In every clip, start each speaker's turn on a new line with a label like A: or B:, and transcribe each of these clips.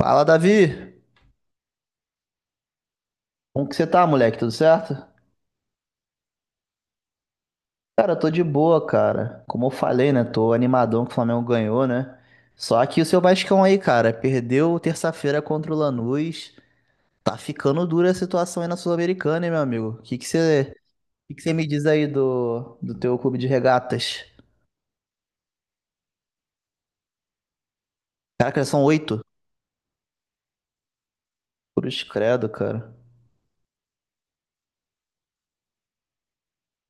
A: Fala, Davi. Como que você tá, moleque? Tudo certo? Cara, eu tô de boa, cara. Como eu falei, né? Tô animadão que o Flamengo ganhou, né? Só que o seu Vascão aí, cara, perdeu terça-feira contra o Lanús. Tá ficando dura a situação aí na Sul-Americana, hein, meu amigo? O que que você me diz aí do teu clube de regatas? Caraca, são oito. Cruz credo, cara.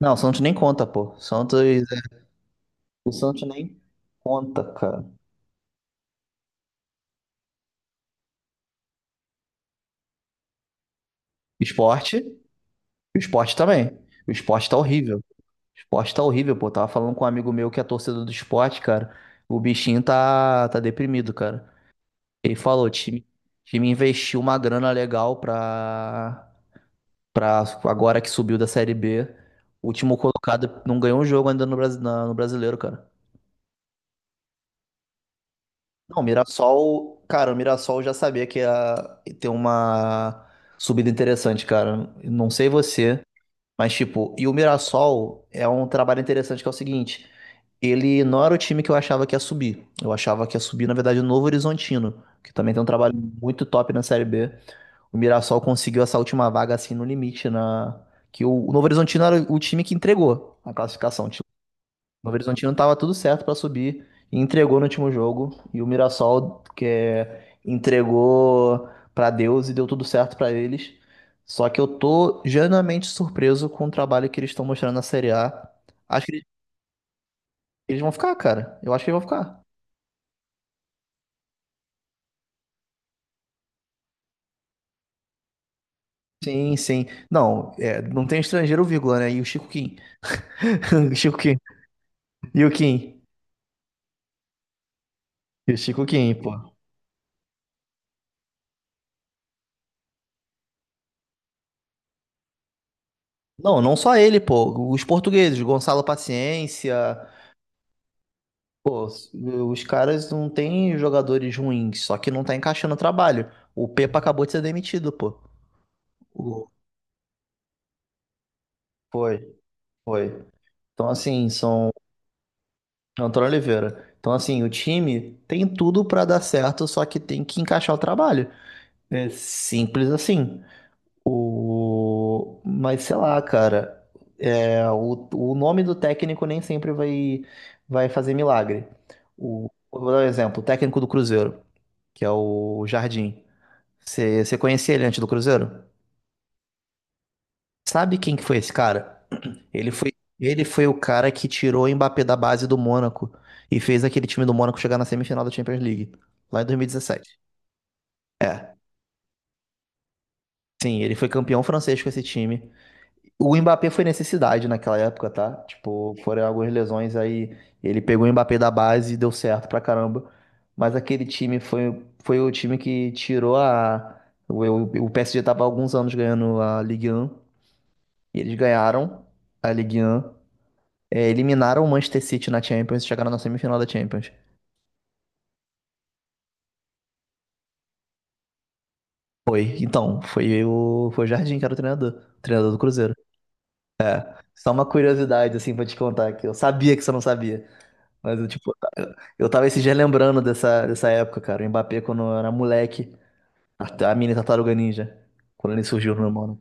A: Não, o Santos nem conta, pô. O Santos nem conta, cara. O Esporte? O esporte também. O esporte tá horrível. Esporte tá horrível, pô. Tava falando com um amigo meu que é torcedor do esporte, cara. O bichinho tá deprimido, cara. Ele falou, time investiu uma grana legal pra agora que subiu da Série B. O último colocado não ganhou um jogo ainda no Brasileiro, cara. Não, cara, o Mirassol eu já sabia que ia ter uma subida interessante, cara. Não sei você, mas tipo, e o Mirassol é um trabalho interessante que é o seguinte. Ele não era o time que eu achava que ia subir. Eu achava que ia subir, na verdade, o Novo Horizontino, que também tem um trabalho muito top na Série B. O Mirassol conseguiu essa última vaga assim no limite na que o Novo Horizontino era o time que entregou a classificação. Tipo, o Novo Horizontino tava tudo certo para subir e entregou no último jogo e o Mirassol que é, entregou para Deus e deu tudo certo para eles. Só que eu tô genuinamente surpreso com o trabalho que eles estão mostrando na Série A. Acho que eles vão ficar, cara. Eu acho que eles vão ficar. Sim, sim. Não, é, não tem estrangeiro, vírgula, né? E o Chico Kim. O Chico Kim. E o Kim. E o Chico Kim, pô. Não, não só ele, pô. Os portugueses, Gonçalo Paciência, pô, os caras não têm jogadores ruins, só que não tá encaixando o trabalho. O Pepa acabou de ser demitido, pô. O- Foi, foi. Então, assim, são. Antônio Oliveira. Então, assim, o time tem tudo pra dar certo, só que tem que encaixar o trabalho. É simples assim. Mas sei lá, cara, o nome do técnico nem sempre vai fazer milagre. Eu vou dar um exemplo, o técnico do Cruzeiro, que é o Jardim. Você conhecia ele antes do Cruzeiro? Sabe quem que foi esse cara? Ele foi, ele foi o cara que tirou o Mbappé da base do Mônaco e fez aquele time do Mônaco chegar na semifinal da Champions League, lá em 2017. É, sim, ele foi campeão francês com esse time. O Mbappé foi necessidade naquela época, tá? Tipo, foram algumas lesões aí. Ele pegou o Mbappé da base e deu certo pra caramba. Mas aquele time foi o time que tirou a. O, o PSG tava há alguns anos ganhando a Ligue 1. E eles ganharam a Ligue 1. Eliminaram o Manchester City na Champions e chegaram na semifinal da Champions. Foi. Então, foi o Jardim que era o treinador. O treinador do Cruzeiro. Só uma curiosidade, assim, pra te contar, que eu sabia que você não sabia. Mas eu, tipo, eu tava esses dias lembrando dessa época, cara. O Mbappé quando eu era moleque, a mini Tartaruga Ninja, quando ele surgiu no meu mano.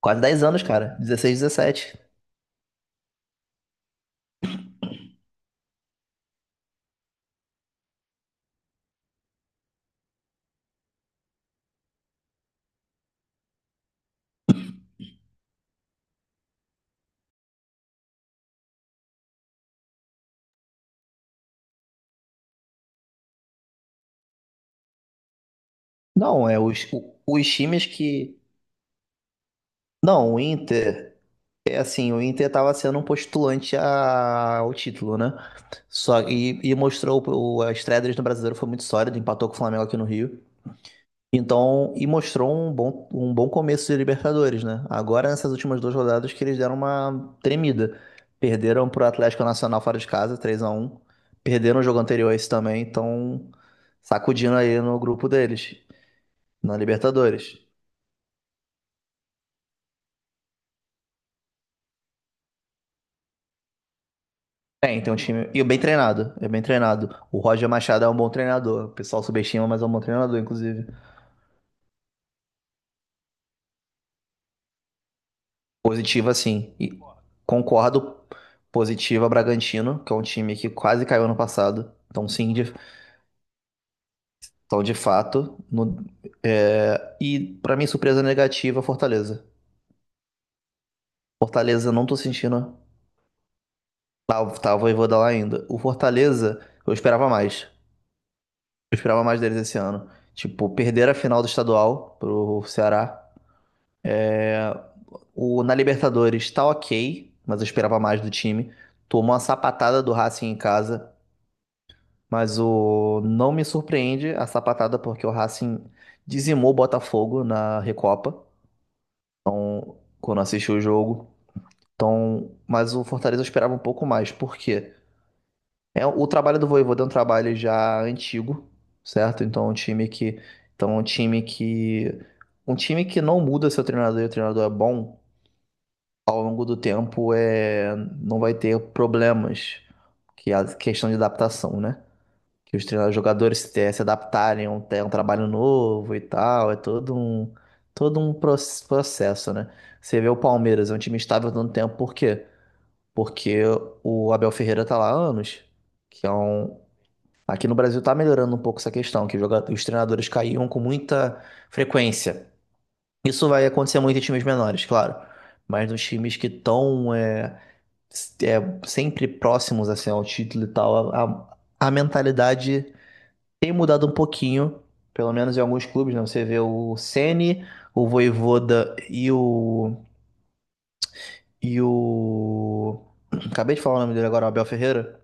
A: Quase 10 anos, cara. 16, 17. Não, é os, o- Os times que. Não, o Inter. É assim, o Inter tava sendo um postulante ao título, né? Só, e mostrou as estreia deles no Brasileiro foi muito sólida, empatou com o Flamengo aqui no Rio. Então, e mostrou um bom começo de Libertadores, né? Agora, nessas últimas duas rodadas, que eles deram uma tremida. Perderam pro Atlético Nacional fora de casa, 3 a 1. Perderam o jogo anterior a esse também, então sacudindo aí no grupo deles, na Libertadores. Tem um time. E bem treinado, é bem treinado. O Roger Machado é um bom treinador. O pessoal subestima, mas é um bom treinador, inclusive. Positivo, assim. E concordo. Positiva Bragantino, que é um time que quase caiu ano passado. Então, sim, Então, de fato, e pra mim, surpresa negativa, Fortaleza. Fortaleza, não tô sentindo. Tava, tava e vou dar lá ainda. O Fortaleza, eu esperava mais. Eu esperava mais deles esse ano. Tipo, perder a final do estadual pro Ceará. é, Na Libertadores tá ok, mas eu esperava mais do time. Tomou uma sapatada do Racing em casa, mas o não me surpreende a sapatada porque o Racing dizimou o Botafogo na Recopa, quando assisti o jogo. Então, mas o Fortaleza eu esperava um pouco mais, porque o trabalho do Vojvoda é um trabalho já antigo, certo? Então, um time que não muda seu treinador e o treinador é bom ao longo do tempo não vai ter problemas que é a questão de adaptação, né? Que os treinadores, jogadores se adaptarem a um, trabalho novo e tal, é todo um processo, né? Você vê o Palmeiras, é um time estável há tanto tempo, por quê? Porque o Abel Ferreira tá lá há anos, que é um... Aqui no Brasil tá melhorando um pouco essa questão, que os treinadores caíam com muita frequência. Isso vai acontecer muito em times menores, claro. Mas nos times que estão sempre próximos assim, ao título e tal, a mentalidade tem mudado um pouquinho, pelo menos em alguns clubes, né? Você vê o Ceni, o Vojvoda e o... E o... Acabei de falar o nome dele agora, o Abel Ferreira.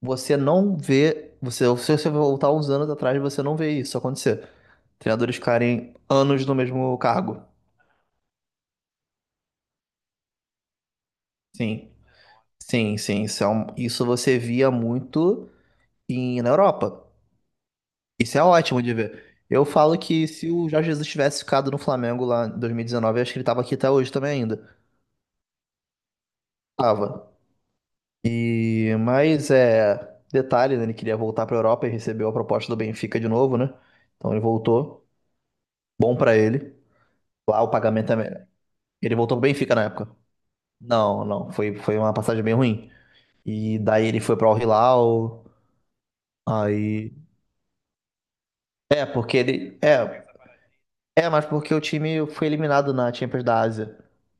A: Você não vê. Você, se você voltar uns anos atrás, você não vê isso acontecer. Treinadores ficarem anos no mesmo cargo. Sim. Sim, sim. Isso, isso você via muito na Europa. Isso é ótimo de ver. Eu falo que se o Jorge Jesus tivesse ficado no Flamengo lá em 2019, eu acho que ele tava aqui até hoje também ainda. Tava. E, mas é. Detalhe, né? Ele queria voltar pra Europa e recebeu a proposta do Benfica de novo, né? Então ele voltou. Bom pra ele. Lá o pagamento é melhor. Ele voltou pro Benfica na época. Não, não. Foi, foi uma passagem bem ruim. E daí ele foi para o Hilal. Aí. É, porque ele. Mas porque o time foi eliminado na Champions da Ásia.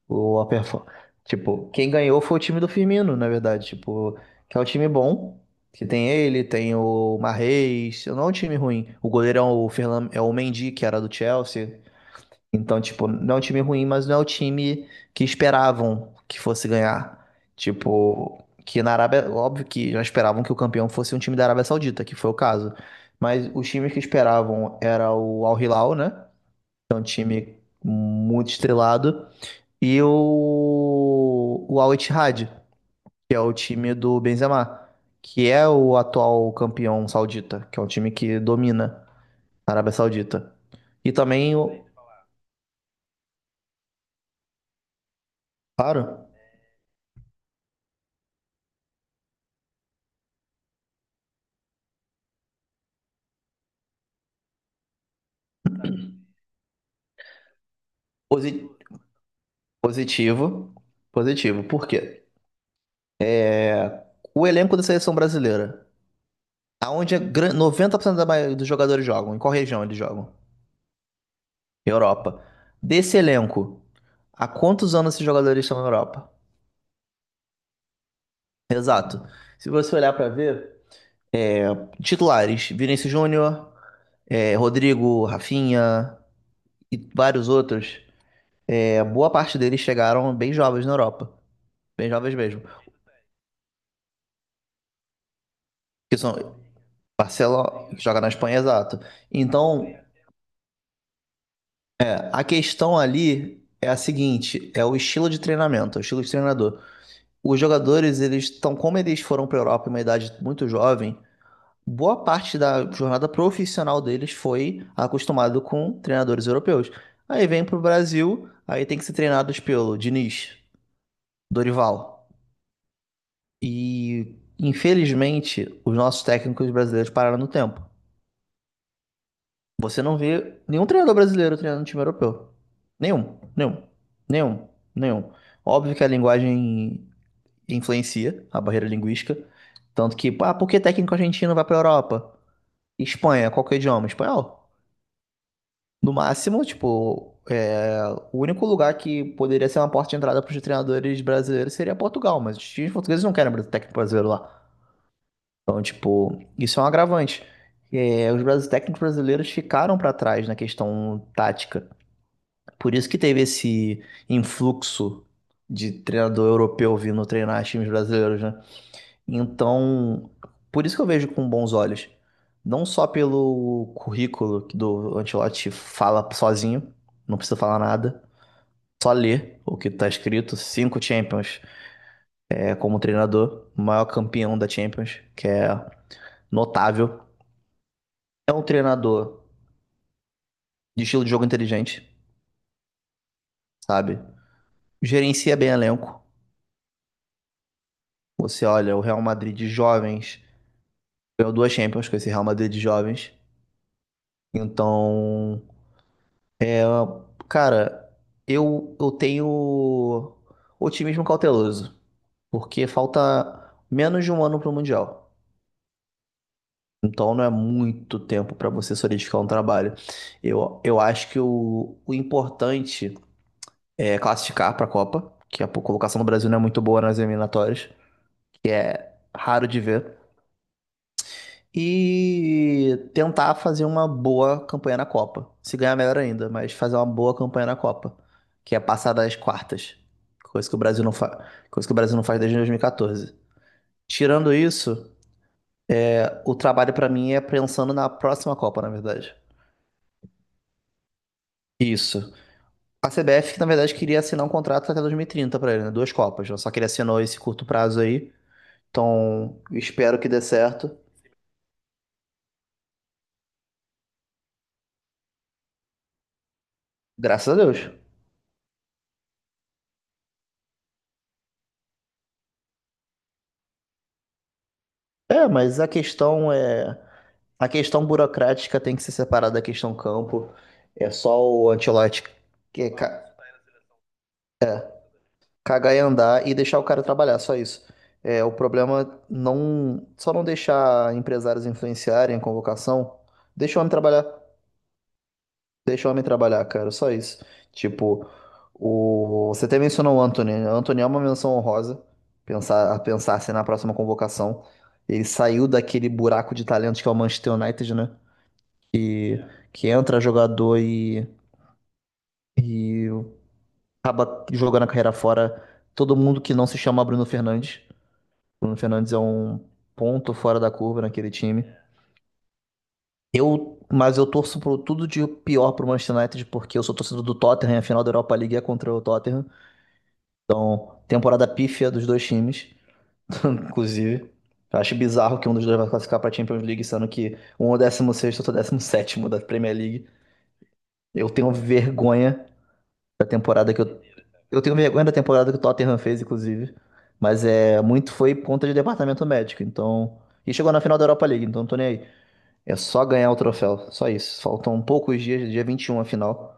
A: O, a perfor- Tipo, quem ganhou foi o time do Firmino, na verdade. Tipo, que é um time bom. Que tem ele, tem o Mahrez. Não é um time ruim. O goleirão, o Ferlan, é o Mendy, que era do Chelsea. Então, tipo, não é um time ruim, mas não é o time que esperavam que fosse ganhar. Tipo, que na Arábia, óbvio que já esperavam que o campeão fosse um time da Arábia Saudita, que foi o caso. Mas os times que esperavam era o Al Hilal, né? Que é um time muito estrelado. E o Al Ittihad, que é o time do Benzema, que é o atual campeão saudita, que é um time que domina a Arábia Saudita. E também, claro, os, i- positivo, positivo. Por quê? O elenco da seleção brasileira, aonde 90% da maioria dos jogadores jogam, em qual região eles jogam? Europa. Desse elenco, há quantos anos esses jogadores estão na Europa? Exato. Se você olhar pra ver, titulares, Vinícius Júnior, Rodrigo, Rafinha e vários outros, é boa parte deles chegaram bem jovens na Europa, bem jovens mesmo. Que são Barcelona, que joga na Espanha, exato. Então, a questão ali é a seguinte, é o estilo de treinamento, é o estilo de treinador. Os jogadores, eles estão, como eles foram para a Europa em uma idade muito jovem, boa parte da jornada profissional deles foi acostumado com treinadores europeus. Aí vem para o Brasil, aí tem que ser treinados pelo Diniz, Dorival. E, infelizmente, os nossos técnicos brasileiros pararam no tempo. Você não vê nenhum treinador brasileiro treinando um time europeu. Nenhum, nenhum, nenhum, nenhum. Óbvio que a linguagem influencia a barreira linguística. Tanto que, ah, por que técnico argentino vai pra Europa? Espanha, qual que é o idioma? Espanhol. No máximo, tipo, o único lugar que poderia ser uma porta de entrada para os treinadores brasileiros seria Portugal, mas os times portugueses não querem técnico brasileiro lá. Então, tipo, isso é um agravante. É, técnicos brasileiros ficaram para trás na questão tática. Por isso que teve esse influxo de treinador europeu vindo treinar times brasileiros, né? Então, por isso que eu vejo com bons olhos. Não só pelo currículo que do Ancelotti fala sozinho, não precisa falar nada, só ler o que tá escrito, cinco Champions é, como treinador, o maior campeão da Champions, que é notável. É um treinador de estilo de jogo inteligente, sabe? Gerencia bem elenco. Você olha o Real Madrid de jovens. Ganhou duas Champions com esse Real Madrid de jovens. Então, ah, cara, eu tenho otimismo cauteloso, porque falta menos de um ano para o Mundial. Então não é muito tempo para você solidificar um trabalho. Eu acho que o importante é classificar para a Copa, que a colocação do Brasil não é muito boa nas eliminatórias, que é raro de ver. E tentar fazer uma boa campanha na Copa. Se ganhar, melhor ainda, mas fazer uma boa campanha na Copa, que é passar das quartas, coisa que o Brasil não faz, coisa que o Brasil não faz desde 2014. Tirando isso, é, o trabalho pra mim é pensando na próxima Copa, na verdade. Isso. A CBF, que na verdade queria assinar um contrato até 2030 pra ele, né? Duas Copas, só que ele assinou esse curto prazo aí. Então, espero que dê certo. Graças a Deus. É, mas a questão é. A questão burocrática tem que ser separada da questão campo. É só o Ancelotti que é ca- cagar e andar e deixar o cara trabalhar, só isso. É, o problema não, só não deixar empresários influenciarem a convocação. Deixa o homem trabalhar, deixa o homem trabalhar, cara, só isso. Tipo, você até mencionou o Antony. O Antony é uma menção honrosa, a pensar se na próxima convocação. Ele saiu daquele buraco de talentos que é o Manchester United, né? Que, que entra jogador e. E acaba jogando a carreira fora todo mundo que não se chama Bruno Fernandes. Bruno Fernandes é um ponto fora da curva naquele time. Mas eu torço por tudo de pior pro Manchester United, porque eu sou torcedor do Tottenham, a final da Europa League é contra o Tottenham. Então, temporada pífia dos dois times, inclusive. Eu acho bizarro que um dos dois vai classificar pra Champions League, sendo que um é o 16 outro é o décimo sétimo da Premier League. Eu tenho vergonha da temporada que eu Eu tenho vergonha da temporada que o Tottenham fez, inclusive. Mas é muito foi por conta de departamento médico. Então. E chegou na final da Europa League, então não tô nem aí. É só ganhar o troféu. Só isso. Faltam poucos dias, dia 21 a final.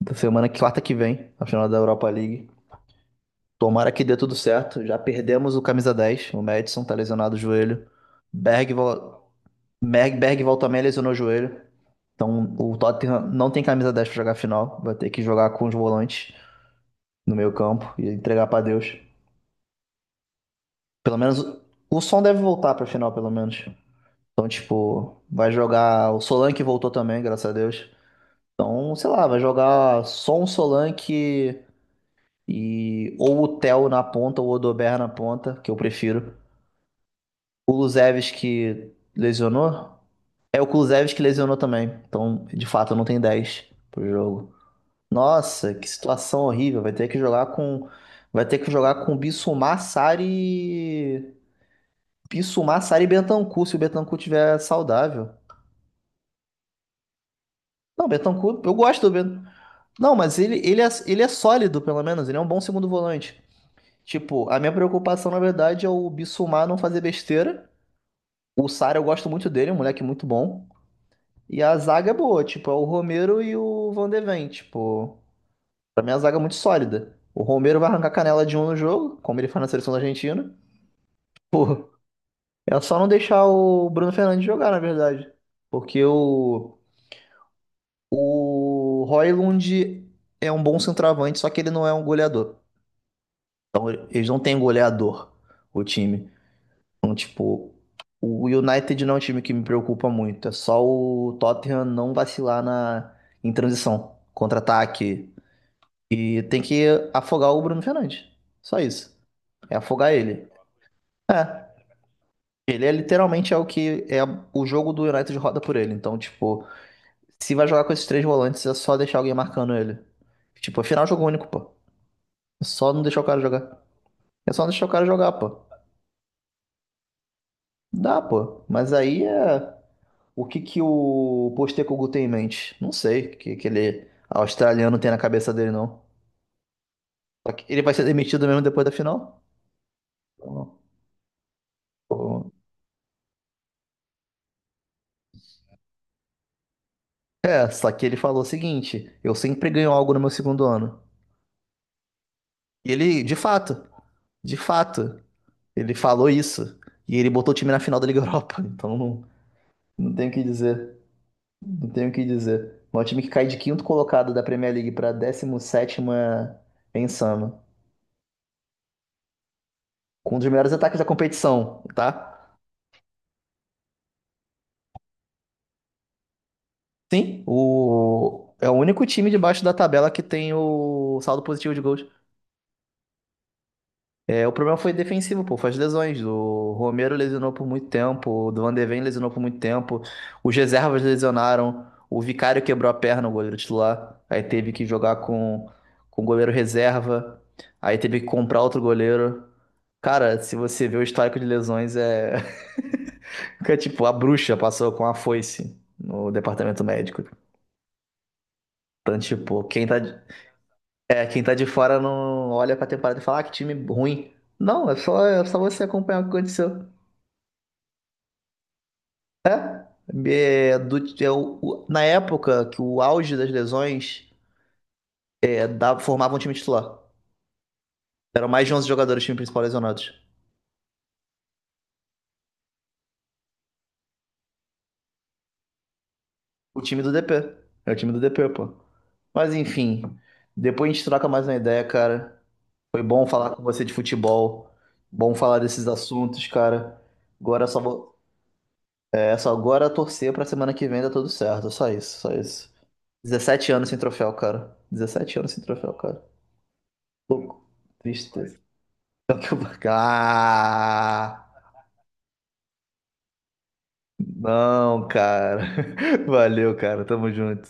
A: Da semana, que- quarta que vem, a final da Europa League. Tomara que dê tudo certo. Já perdemos o camisa 10. O Madison tá lesionado o joelho. Berg, vol- Berg, Bergvall também lesionou o joelho. Então o Tottenham não tem camisa 10 pra jogar a final. Vai ter que jogar com os volantes no meio campo e entregar pra Deus. Pelo menos o som deve voltar pra final, pelo menos. Então, tipo, vai jogar. O Solanke voltou também, graças a Deus. Então, sei lá, vai jogar só um Solanke e. Ou o Theo na ponta, ou o Odober na ponta, que eu prefiro. O Kulusevski lesionou. É o Kulusevski que lesionou também. Então, de fato, não tem 10 pro jogo. Nossa, que situação horrível. Vai ter que jogar com. Vai ter que jogar com Bissouma, Sarri Pisso, Massari e Bentancur, se o Bentancur tiver saudável. Não, Bentancur, eu gosto do Bentancur. Não, mas ele é sólido, pelo menos. Ele é um bom segundo volante. Tipo, a minha preocupação, na verdade, é o Bissumar não fazer besteira. O Sara eu gosto muito dele, é um moleque muito bom. E a zaga é boa, tipo, é o Romero e o Van de Ven, tipo... Pra mim, a zaga é muito sólida. O Romero vai arrancar canela de um no jogo, como ele faz na seleção da Argentina. Pô, é só não deixar o Bruno Fernandes jogar, na verdade. Porque o... O Højlund é um bom centroavante, só que ele não é um goleador. Então, eles não têm goleador, o time. Então, tipo, o United não é um time que me preocupa muito. É só o Tottenham não vacilar na, em transição, contra-ataque. E tem que afogar o Bruno Fernandes. Só isso. É afogar ele. É. Ele é literalmente é o que é o jogo do United roda por ele. Então, tipo, se vai jogar com esses três volantes, é só deixar alguém marcando ele. Tipo, afinal, é final jogo único, pô. É só não deixar o cara jogar. É só não deixar o cara jogar, pô. Dá, pô. Mas aí é. O que que o Postecoglou tem em mente? Não sei o que que ele australiano tem na cabeça dele, não. Só que ele vai ser demitido mesmo depois da final? Não. Pô. É, só que ele falou o seguinte: eu sempre ganho algo no meu segundo ano. E ele, de fato, ele falou isso. E ele botou o time na final da Liga Europa. Então não, não tem o que dizer. Não tenho o que dizer. É um time que cai de quinto colocado da Premier League para 17ª em Sama. Com um dos melhores ataques da competição, tá? Sim, o... é o único time debaixo da tabela que tem o saldo positivo de gols. É, o problema foi defensivo, pô, foi as lesões. O Romero lesionou por muito tempo, o Van de Ven lesionou por muito tempo, os reservas lesionaram, o Vicário quebrou a perna, o goleiro titular. Aí teve que jogar com o goleiro reserva, aí teve que comprar outro goleiro. Cara, se você vê o histórico de lesões, é. é tipo, a bruxa passou com a foice no departamento médico. Então, tipo, quem tá de fora não olha pra temporada e fala, ah, que time ruim. Não, é só você acompanhar o que aconteceu. É. É, do, é o- na época que o auge das lesões é, dava, formava um time titular. Eram mais de 11 jogadores, time principal lesionados. O time do DP. É o time do DP, pô. Mas enfim, depois a gente troca mais uma ideia, cara. Foi bom falar com você de futebol. Bom falar desses assuntos, cara. Agora só vou, é, só agora torcer pra semana que vem dar tudo certo. Só isso, só isso. Dezessete anos sem troféu, cara. Dezessete anos sem troféu, cara. Pouco. Tristeza. Ah, não, cara. Valeu, cara. Tamo junto.